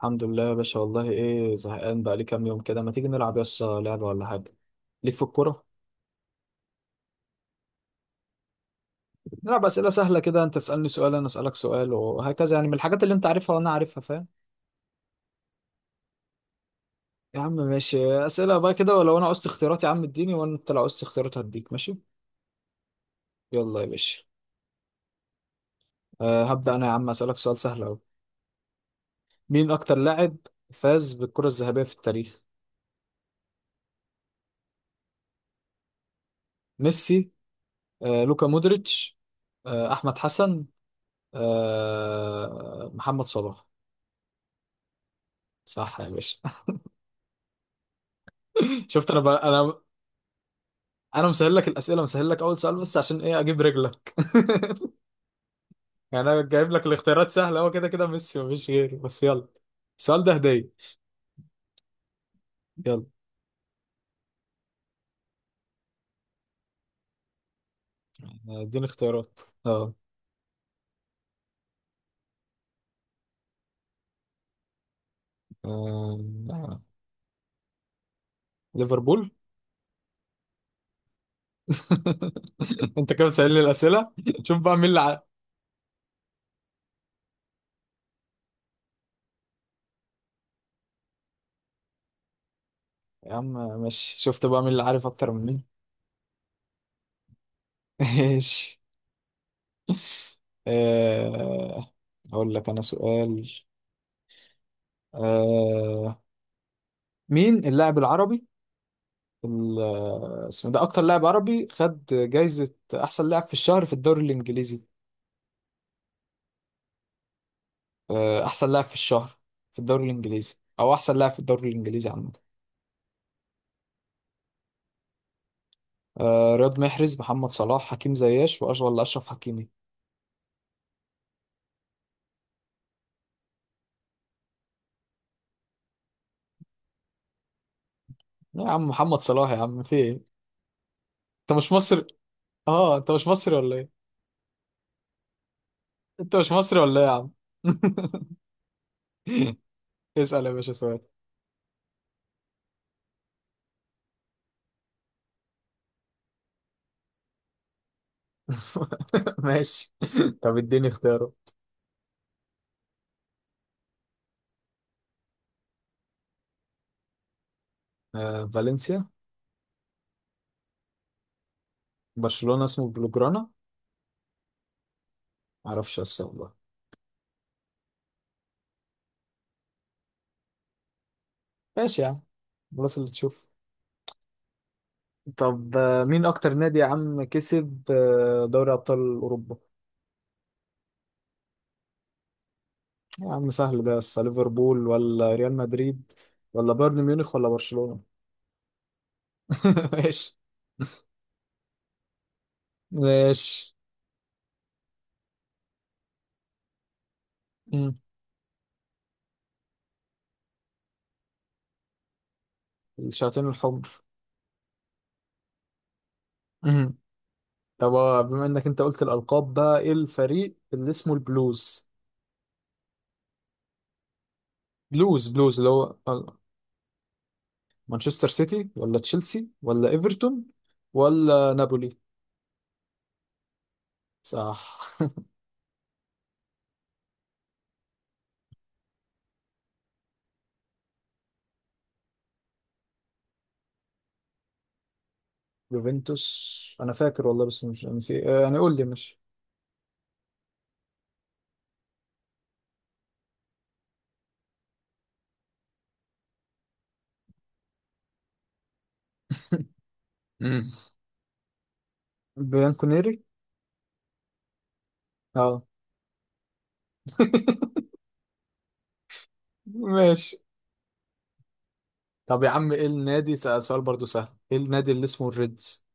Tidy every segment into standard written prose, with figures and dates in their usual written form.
الحمد لله يا باشا، والله ايه زهقان بقى لي كام يوم كده، ما تيجي نلعب يس لعبة ولا حاجة ليك في الكورة؟ نلعب أسئلة سهلة كده، انت تسألني سؤال انا أسألك سؤال وهكذا، يعني من الحاجات اللي انت عارفها وانا عارفها، فاهم؟ يا عم ماشي، أسئلة بقى كده، ولو انا عوزت اختيارات يا عم اديني، وانت لو عوزت اختيارات هديك، ماشي. يلا يا باشا. أه هبدأ انا، يا عم أسألك سؤال سهل أوي. مين اكتر لاعب فاز بالكرة الذهبية في التاريخ؟ ميسي، لوكا مودريتش، أحمد حسن، محمد صلاح. صح يا باشا. شفت، انا بقى انا مسهل لك الاسئله، مسهل لك اول سؤال بس، عشان ايه؟ اجيب رجلك. يعني انا جايب لك الاختيارات سهله، هو كده كده ميسي مفيش غيره، بس يلا. السؤال ده هديه. يلا. اديني اختيارات. اه. آه، ليفربول. انت كده بتسألني الاسئله؟ شوف بقى مين اللي يا عم ماشي، شفت بقى مين اللي عارف اكتر مني. ماشي. آه، اقول لك انا سؤال. آه، مين اللاعب العربي ال- اسمه ده، اكتر لاعب عربي خد جايزة احسن لاعب في الشهر في الدوري الانجليزي؟ احسن لاعب في الشهر في الدوري الانجليزي، او احسن لاعب في الدوري الانجليزي عامة. رياض محرز، محمد صلاح، حكيم زياش، ولا اشرف حكيمي. لا يا عم محمد صلاح، يا عم في ايه؟ انت مش مصري؟ اه انت مش مصري ولا ايه؟ انت مش مصري ولا ايه يا عم؟ اسأل يا باشا سؤال. ماشي. طب اديني اختياره. فالنسيا. برشلونة اسمه بلوجرانا؟ معرفش بس والله. ماشي يا عم، خلاص اللي تشوف. طب مين اكتر نادي يا عم كسب دوري ابطال اوروبا؟ يا عم سهل ده، بس ليفربول ولا ريال مدريد، ولا بايرن ميونخ ولا برشلونة؟ ماشي. ماشي. مم. الشياطين الحمر. مم. طب بما انك انت قلت الالقاب بقى، ايه الفريق اللي اسمه البلوز؟ بلوز اللي هو، مانشستر سيتي ولا تشيلسي ولا ايفرتون، ولا نابولي؟ صح. يوفنتوس انا فاكر والله بس مش نسي، يعني قول لي مش. امم بيان كونيري. اه. ماشي. طب يا عم ايه النادي، سأل سؤال برضو سهل، ايه النادي اللي اسمه الريدز؟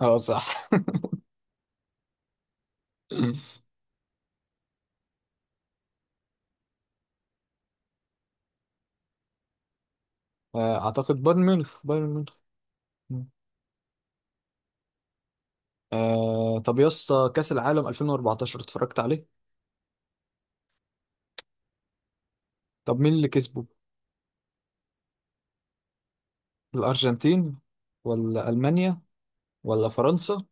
اه صح. اعتقد بايرن ميونخ، بايرن ميونخ. مم. طب يا اسطى كأس العالم 2014 اتفرجت عليه؟ طب مين اللي كسبه؟ الارجنتين ولا المانيا ولا فرنسا؟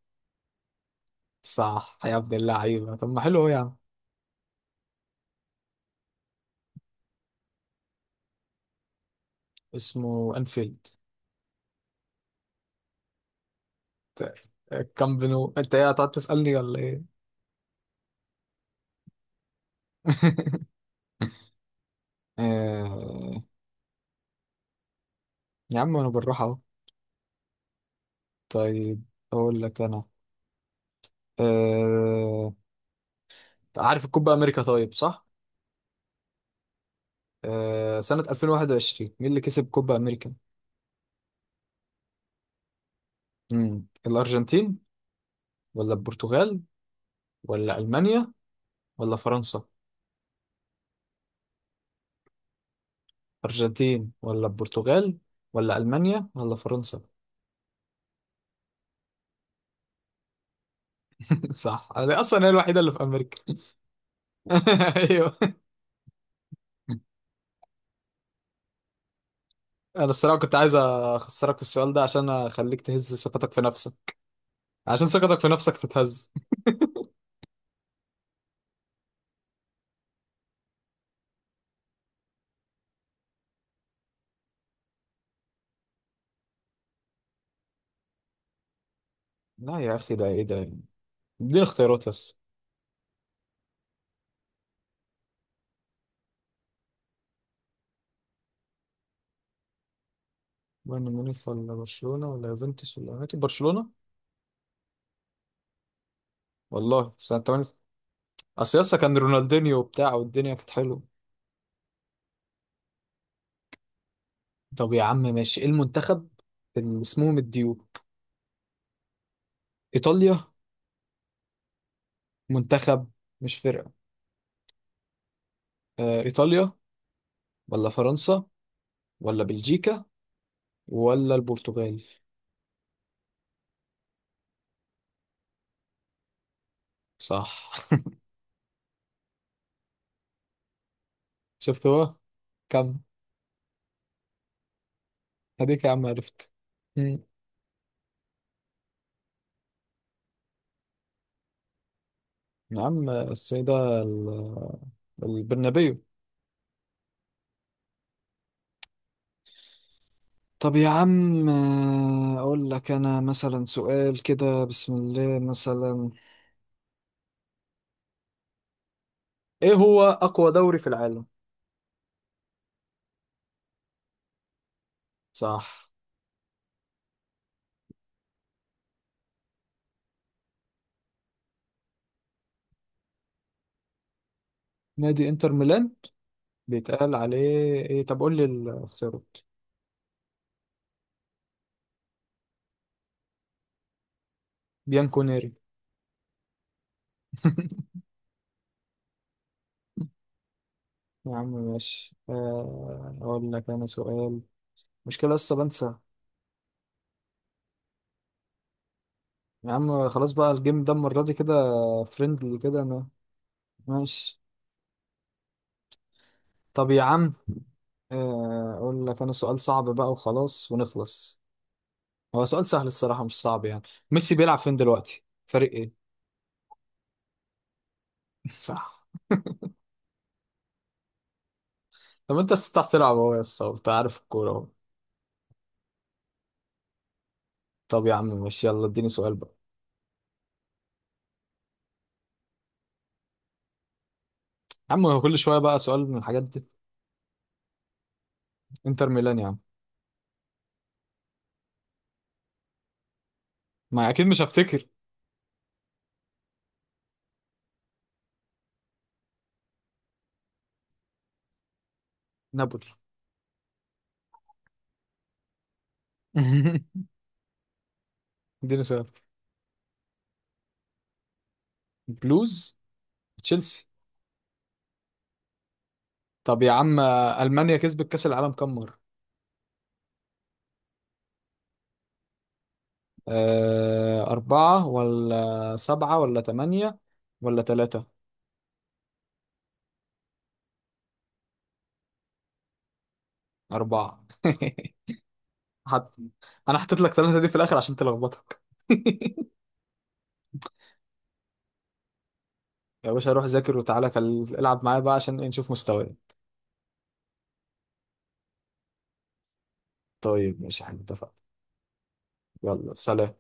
صح يا ابن اللعيبه، طب ما حلو أهو يا عم. اسمه انفيلد. كامب نو، انت ايه هتقعد تسألني ولا ايه؟ آه، يا عم انا بالراحة اهو. طيب اقول لك انا، آه، عارف الكوبا امريكا طيب، صح؟ سنة 2021 مين اللي كسب كوبا امريكا؟ مم. الارجنتين ولا البرتغال، ولا المانيا ولا فرنسا؟ ارجنتين ولا البرتغال، ولا المانيا ولا فرنسا؟ صح، انا اصلا هي الوحيدة اللي في امريكا. ايوه. انا الصراحه كنت عايز اخسرك في السؤال ده عشان اخليك تهز ثقتك في نفسك. عشان ثقتك في نفسك تتهز. لا يا اخي ده ايه ده؟ اديني اختيارات بس. بايرن ميونخ ولا برشلونه، ولا يوفنتوس ولا يونايتد؟ برشلونه. والله سنه 8، اصل يسا كان رونالدينيو وبتاع والدنيا كانت حلوه. طب يا عم ماشي، ايه المنتخب اللي اسمهم الديوك؟ ايطاليا، منتخب مش فرقه. ايطاليا ولا فرنسا، ولا بلجيكا ولا البرتغال؟ صح. شفت هو. كم. هديك يا عم عرفت. مم. يا عم السيدة البرنابيو. طب يا عم، أقول لك أنا مثلا سؤال كده، بسم الله، مثلا، إيه هو أقوى دوري في العالم؟ صح. نادي انتر ميلان بيتقال عليه، إيه؟ طب قول لي الاختيارات. بيانكونيري. يا عم ماشي، أقول لك أنا سؤال، مشكلة لسه بنسى. يا عم خلاص بقى، الجيم ده المرة دي كده فريندلي كده أنا. ماشي. طب يا عم، اقول لك انا سؤال صعب بقى وخلاص ونخلص. هو سؤال سهل الصراحة مش صعب يعني. ميسي بيلعب فين دلوقتي، فريق ايه؟ صح. طب انت تستطيع تلعب اهو يا اسطى، انت عارف الكورة اهو. طب يا عم ماشي، يلا اديني سؤال بقى. يا عم هو كل شوية بقى سؤال من الحاجات دي. انتر ميلان يا عم، ما اكيد مش هفتكر. نابولي. اديني سؤال. بلوز، تشيلسي. طب يا عم، المانيا كسبت كأس العالم كام مرة؟ أه أربعة ولا سبعة ولا تمانية، ولا تلاتة؟ أربعة. حد، انا حطيت لك ثلاثة دي في الاخر عشان تلخبطك. يا باشا روح ذاكر وتعالى، العب معايا بقى عشان نشوف مستواي. طيب ماشي، احنا اتفقنا. يلا سلام.